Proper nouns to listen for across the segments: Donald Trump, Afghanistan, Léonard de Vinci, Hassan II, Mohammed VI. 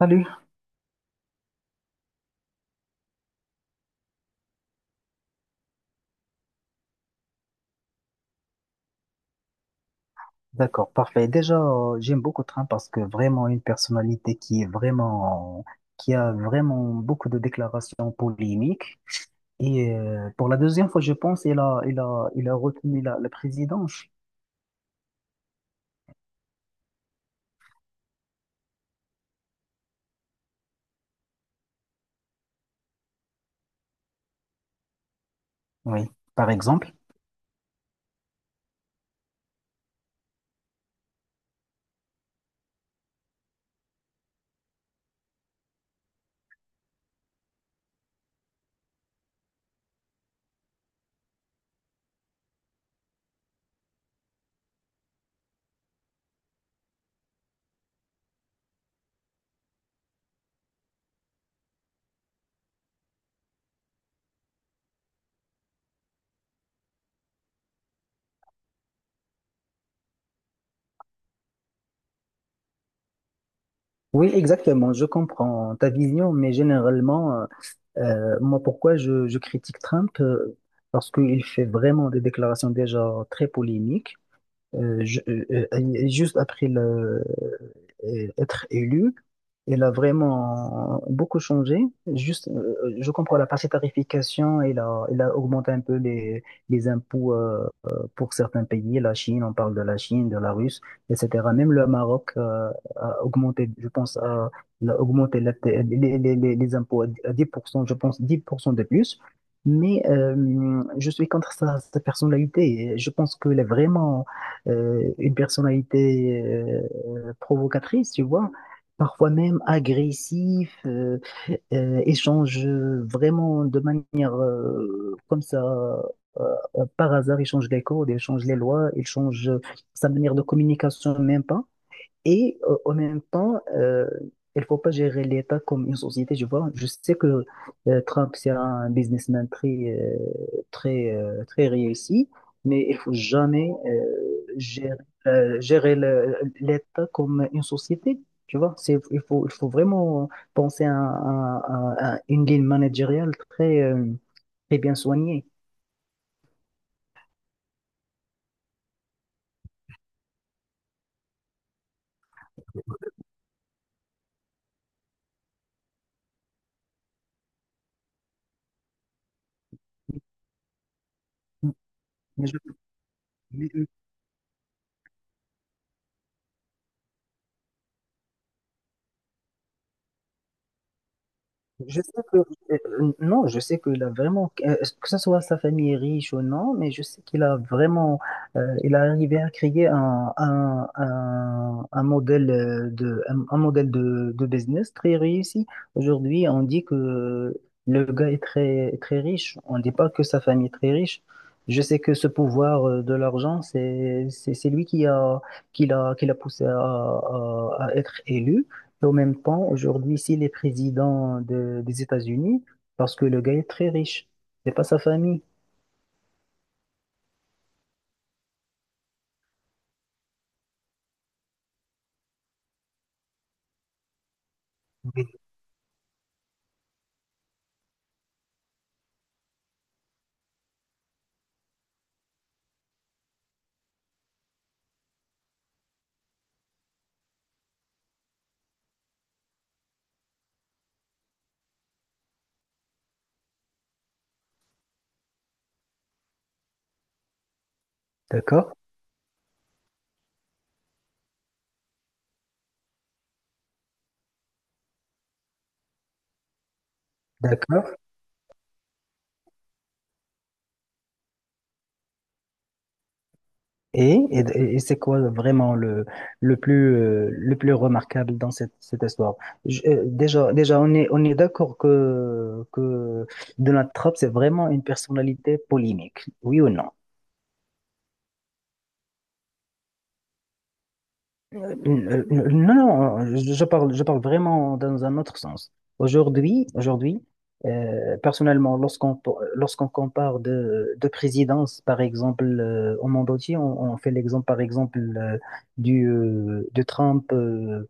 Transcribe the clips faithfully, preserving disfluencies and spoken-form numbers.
Salut, d'accord, parfait. Déjà, euh, j'aime beaucoup Trump parce que vraiment une personnalité qui est vraiment, qui a vraiment beaucoup de déclarations polémiques. Et euh, pour la deuxième fois, je pense, il a, il a, il a retenu la, la présidence. Oui, par exemple. Oui, exactement. Je comprends ta vision, mais généralement, euh, euh, moi, pourquoi je, je critique Trump? euh, Parce qu'il fait vraiment des déclarations déjà très polémiques. Euh, je- euh, euh, juste après le, euh, être élu, elle a vraiment beaucoup changé. Juste, euh, euh, je comprends la partie tarification, elle a, elle a augmenté un peu les, les impôts euh, euh, pour certains pays, la Chine, on parle de la Chine, de la Russe, et cætera. Même le Maroc euh, a augmenté, je pense, a, il a augmenté la- les, les, les, les impôts à dix pour cent, je pense dix pour cent de plus. Mais euh, je suis contre sa, sa personnalité. Je pense qu'elle est vraiment euh, une personnalité euh, provocatrice, tu vois, parfois même agressif, euh, euh, échange vraiment de manière euh, comme ça, euh, euh, par hasard, il change les codes, il change les lois, il change sa manière de communication, même pas. Et euh, en même temps, euh, il ne faut pas gérer l'État comme une société, je vois. Je sais que euh, Trump, c'est un businessman très, euh, très, euh, très réussi, mais il ne faut jamais euh, gérer, euh, gérer le- l'État comme une société. Tu vois, c'est, il faut, il faut vraiment penser à, à- à- à une ligne managériale très, euh, très bien soignée. Mais je- Je sais que, euh, non, je sais qu'il a vraiment, euh, que ce soit sa famille est riche ou non, mais je sais qu'il a vraiment, euh, il a arrivé à créer un, un, un, un modèle euh, de, un, un modèle de, de business très réussi. Aujourd'hui, on dit que le gars est très, très riche. On ne dit pas que sa famille est très riche. Je sais que ce pouvoir euh, de l'argent, c'est, c'est, c'est lui qui a, qui l'a, qui l'a poussé à, à à être élu. Et en même temps, aujourd'hui, s'il est président de- des États-Unis, parce que le gars est très riche, c'est pas sa famille. Oui. D'accord? D'accord. Et, et, et c'est quoi vraiment le, le plus, euh, le plus remarquable dans cette, cette histoire? Je- euh, déjà, déjà, on est, on est d'accord que, que Donald Trump, c'est vraiment une personnalité polémique. Oui ou non? Euh, euh, euh, non, non, je, je parle, je parle vraiment dans un autre sens. Aujourd'hui, aujourd'hui, euh, personnellement, lorsqu'on lorsqu'on compare de, de présidence, par exemple, euh, au monde entier, on, on fait l'exemple, par exemple, euh, du, euh, de Trump euh,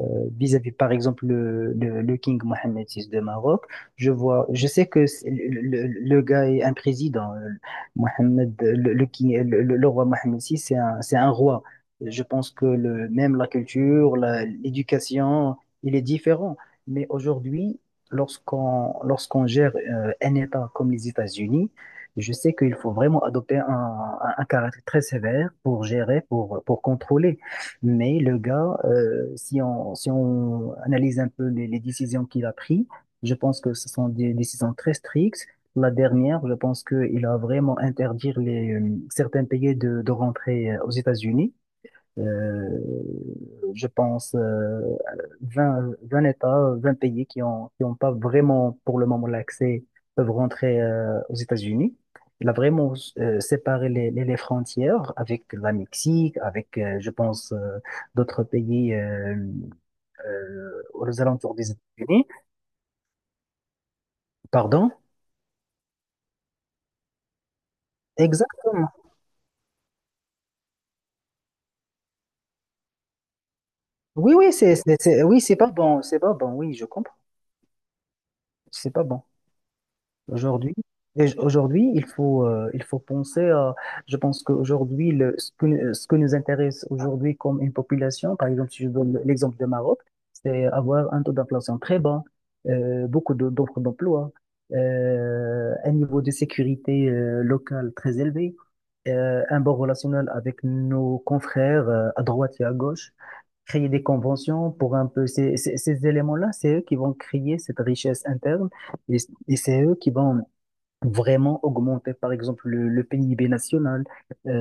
euh, vis-à-vis, par exemple, le, le, le King Mohammed six de Maroc. Je vois, je sais que c'est- le, le- le gars est un président. euh, Mohammed, le, le, king- le, le- le roi Mohammed six, c'est un, c'est un roi. Je pense que le, même la culture, la- l'éducation, il est différent. Mais aujourd'hui, lorsqu'on lorsqu'on gère euh, un État comme les États-Unis, je sais qu'il faut vraiment adopter un, un- un caractère très sévère pour gérer, pour, pour contrôler. Mais le gars, euh, si on, si on analyse un peu les, les décisions qu'il a prises, je pense que ce sont des décisions très strictes. La dernière, je pense qu'il a vraiment interdit les, euh, certains pays de, de rentrer euh, aux États-Unis. Euh, je pense, euh, vingt 20 États, vingt pays qui ont, qui ont pas vraiment pour le moment l'accès peuvent rentrer euh, aux États-Unis. Il a vraiment euh, séparé les, les, les frontières avec la Mexique, avec, euh, je pense, euh, d'autres pays euh, euh, aux alentours des États-Unis. Pardon? Exactement. Oui, oui, c'est, c'est, c'est- oui, c'est pas bon, c'est pas bon, oui, je comprends. C'est pas bon. Aujourd'hui, et aujourd'hui, il faut, euh, il faut penser à, je pense qu'aujourd'hui, le, ce que, ce que nous intéresse aujourd'hui comme une population, par exemple, si je donne l'exemple de Maroc, c'est avoir un taux d'inflation très bas, euh, beaucoup de- d'offres d'emploi, euh, un niveau de sécurité, euh, locale très élevé, euh, un bon relationnel avec nos confrères, euh, à droite et à gauche créer des conventions pour un peu ces, ces, ces éléments-là, c'est eux qui vont créer cette richesse interne et, et c'est eux qui vont vraiment augmenter, par exemple, le, le P I B national, euh,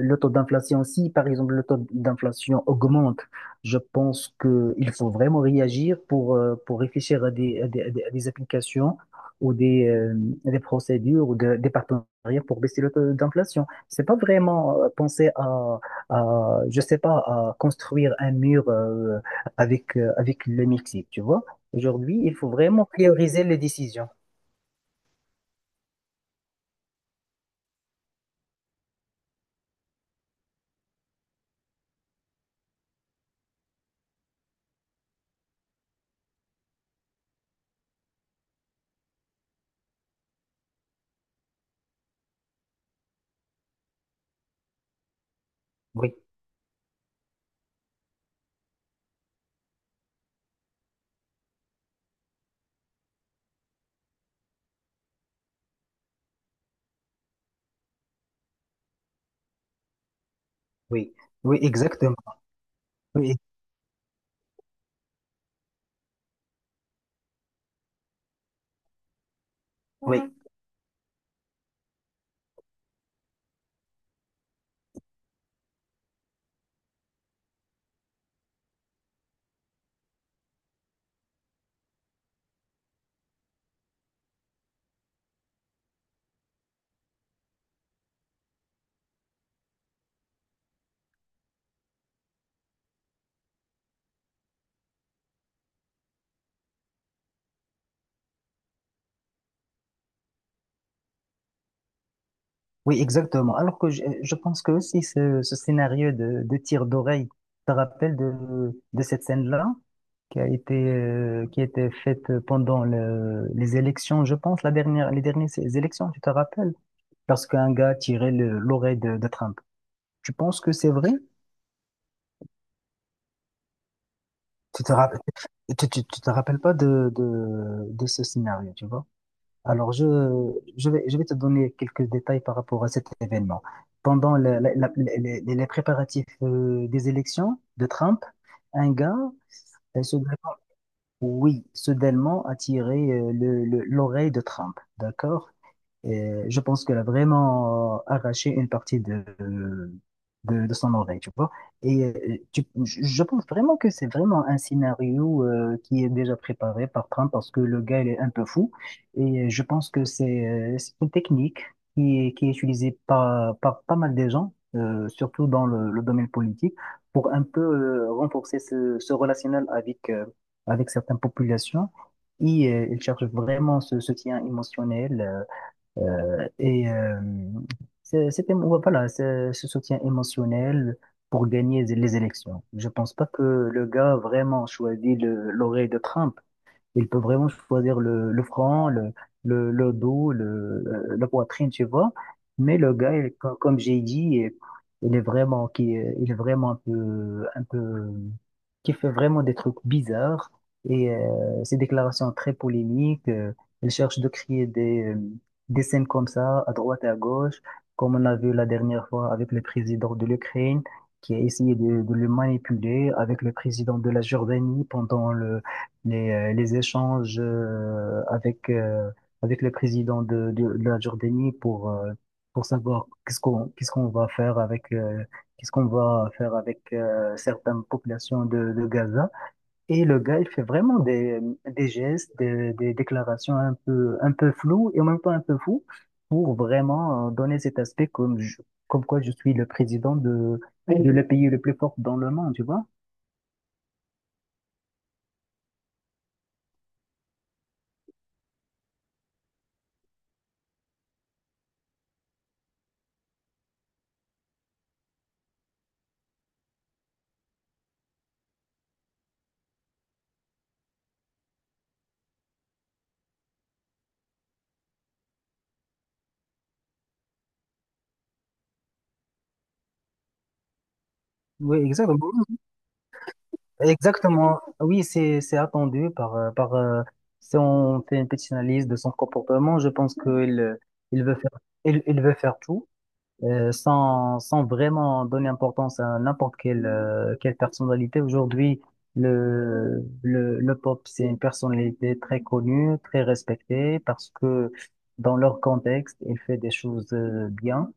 le taux d'inflation. Si, par exemple, le taux d'inflation augmente, je pense que il faut vraiment réagir pour, euh, pour réfléchir à des, à des, à des- à des applications ou des, euh, des procédures ou de- des partenariats pour baisser le taux d'inflation. C'est pas vraiment euh, penser à, à, je sais pas, à construire un mur, euh, avec, euh, avec le Mexique, tu vois. Aujourd'hui, il faut vraiment prioriser les décisions. Oui, oui, oui, exactement. Oui, oui, voilà. Oui, exactement. Alors que je, je pense que aussi ce, ce scénario de, de tir d'oreille, tu te rappelles de, de cette scène-là qui a été, euh, qui a été faite pendant le- les élections, je pense, la dernière, les dernières élections, tu te rappelles? Lorsqu'un gars tirait le- l'oreille de, de Trump. Tu penses que c'est vrai? Tu te rappelles, tu, tu- tu te rappelles pas de, de, de ce scénario, tu vois? Alors, je, je vais, je vais te donner quelques détails par rapport à cet événement. Pendant la- la- la- les, les préparatifs euh, des élections de Trump, un gars, euh, soudainement, oui, soudainement a tiré euh, le- le- l'oreille de Trump, d'accord? Et je pense qu'elle a vraiment euh, arraché une partie de, de, de son oreille, tu vois. Et euh, tu- je je pense vraiment que c'est vraiment un scénario euh, qui est déjà préparé par Trump parce que le gars, il est un peu fou. Et je pense que c'est euh, c'est une technique qui est, qui est utilisée par, par pas mal de gens, euh, surtout dans le, le domaine politique, pour un peu euh, renforcer ce, ce relationnel avec, euh, avec certaines populations. Et euh, il cherche vraiment ce soutien émotionnel. euh, euh, et euh, c'est- c'était, voilà, c'est ce soutien émotionnel pour gagner les élections. Je pense pas que le gars vraiment choisit le- l'oreille de Trump. Il peut vraiment choisir le, le front, le, le, le dos, le, euh, la poitrine, tu vois. Mais le gars, il- co- comme j'ai dit, il est vraiment, qui, il est vraiment un peu, un peu, qui fait vraiment des trucs bizarres. Et euh, ses déclarations très polémiques, euh, il cherche de créer des, euh, des scènes comme ça, à droite et à gauche, comme on a vu la dernière fois avec le président de l'Ukraine, qui a essayé de, de le manipuler, avec le président de la Jordanie pendant le les, euh, les échanges euh, avec, euh, avec le président de, de, de la Jordanie pour, euh, pour savoir qu'est-ce qu'on qu'est-ce qu'on va faire avec, euh, qu'est-ce qu'on va faire avec euh, certaines populations de, de Gaza. Et le gars, il fait vraiment des, des gestes, des, des déclarations un peu, un peu floues et en même temps un peu fous pour vraiment euh, donner cet aspect comme, je- comme quoi je suis le président de, de le pays le plus fort dans le monde, tu vois? Oui, exactement. Exactement. Oui, c'est c'est attendu par euh, par euh, si on fait une petite analyse de son comportement, je pense qu'il il veut faire il, il veut faire tout euh, sans, sans vraiment donner importance à n'importe quelle, euh, quelle personnalité. Aujourd'hui, le, le, le pop, c'est une personnalité très connue, très respectée, parce que dans leur contexte, il fait des choses euh, bien.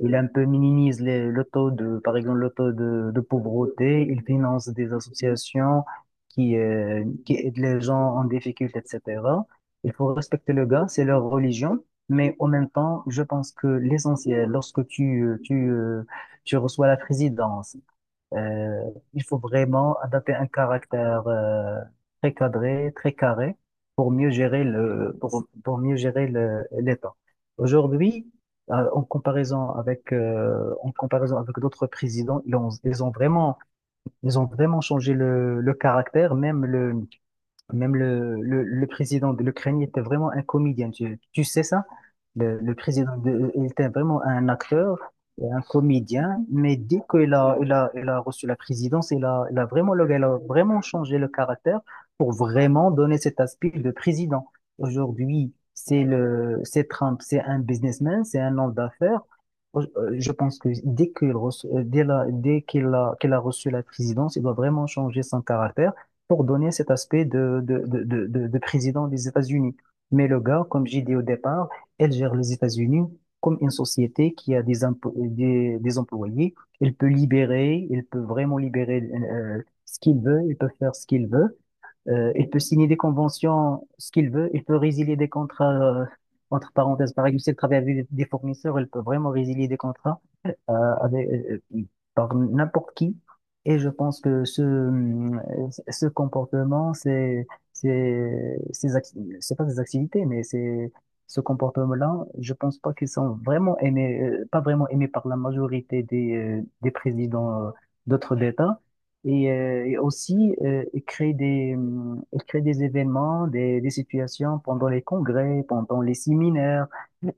Il un peu minimise les, le taux de, par exemple, le taux de, de pauvreté. Il finance des associations qui, euh, qui aident les gens en difficulté, et cætera. Il faut respecter le gars, c'est leur religion. Mais en même temps, je pense que l'essentiel, lorsque tu, euh, tu, euh, tu reçois la présidence, euh, il faut vraiment adapter un caractère euh, très cadré, très carré, pour mieux gérer le, pour, pour mieux gérer le, l'État. Aujourd'hui, euh, en comparaison avec, euh, en comparaison avec d'autres présidents, ils ont, ils ont vraiment, ils ont vraiment changé le, le caractère, même le même le, le, le président de l'Ukraine était vraiment un comédien, tu, tu sais ça? Le, le président, de, il était vraiment un acteur, et un comédien, mais dès qu'il a, il a, il a reçu la présidence, il a, il a vraiment, le- gars, il a vraiment changé le caractère pour vraiment donner cet aspect de président. Aujourd'hui, c'est le, c'est Trump, c'est un businessman, c'est un homme d'affaires. Euh, Je pense que dès qu'il reço- euh, dès la- dès qu'il a, qu'il a reçu la présidence, il doit vraiment changer son caractère pour donner cet aspect de, de, de, de, de- de président des États-Unis. Mais le gars, comme j'ai dit au départ, elle gère les États-Unis comme une société qui a des, empo- des, des employés. Il peut libérer, il peut vraiment libérer euh, ce qu'il veut, il peut faire ce qu'il veut. Euh, il peut signer des conventions, ce qu'il veut. Il peut résilier des contrats, euh, entre parenthèses. Par exemple, s'il travaille avec des fournisseurs, il peut vraiment résilier des contrats euh, avec, euh, euh, par n'importe qui. Et je pense que ce, hum, ce comportement, c'est, c'est, ces acti- c'est pas des activités, mais c'est, ce comportement-là, je pense pas qu'ils sont vraiment aimés, euh, pas vraiment aimés par la majorité des, euh, des présidents euh, d'autres États. Et, euh, et aussi, euh, ils créent des, hum, ils créent des événements, des, des situations pendant les congrès, pendant les séminaires,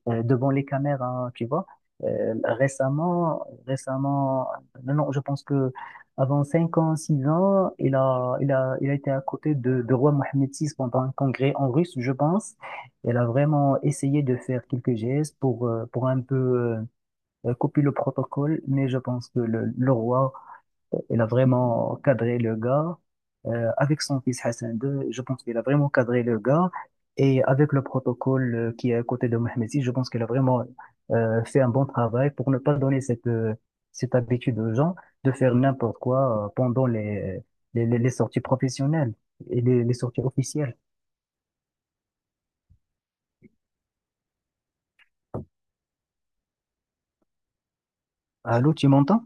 euh, devant les caméras, tu vois. Euh, récemment, récemment, non, non, je pense que avant cinq ans, six ans, il a, il a, il a été à côté de, de roi Mohamed six pendant un congrès en russe, je pense. Il a vraiment essayé de faire quelques gestes pour, euh, pour un peu euh, euh, copier le protocole, mais je pense que le, le roi il a vraiment cadré le gars. Euh, avec son fils Hassan deux, je pense qu'il a vraiment cadré le gars. Et avec le protocole euh, qui est à côté de Mohamed six, je pense qu'il a vraiment euh, fait un bon travail pour ne pas donner cette, euh, cette habitude aux gens de faire n'importe quoi euh, pendant les, les, les- les sorties professionnelles et les, les sorties officielles. Allô, tu m'entends?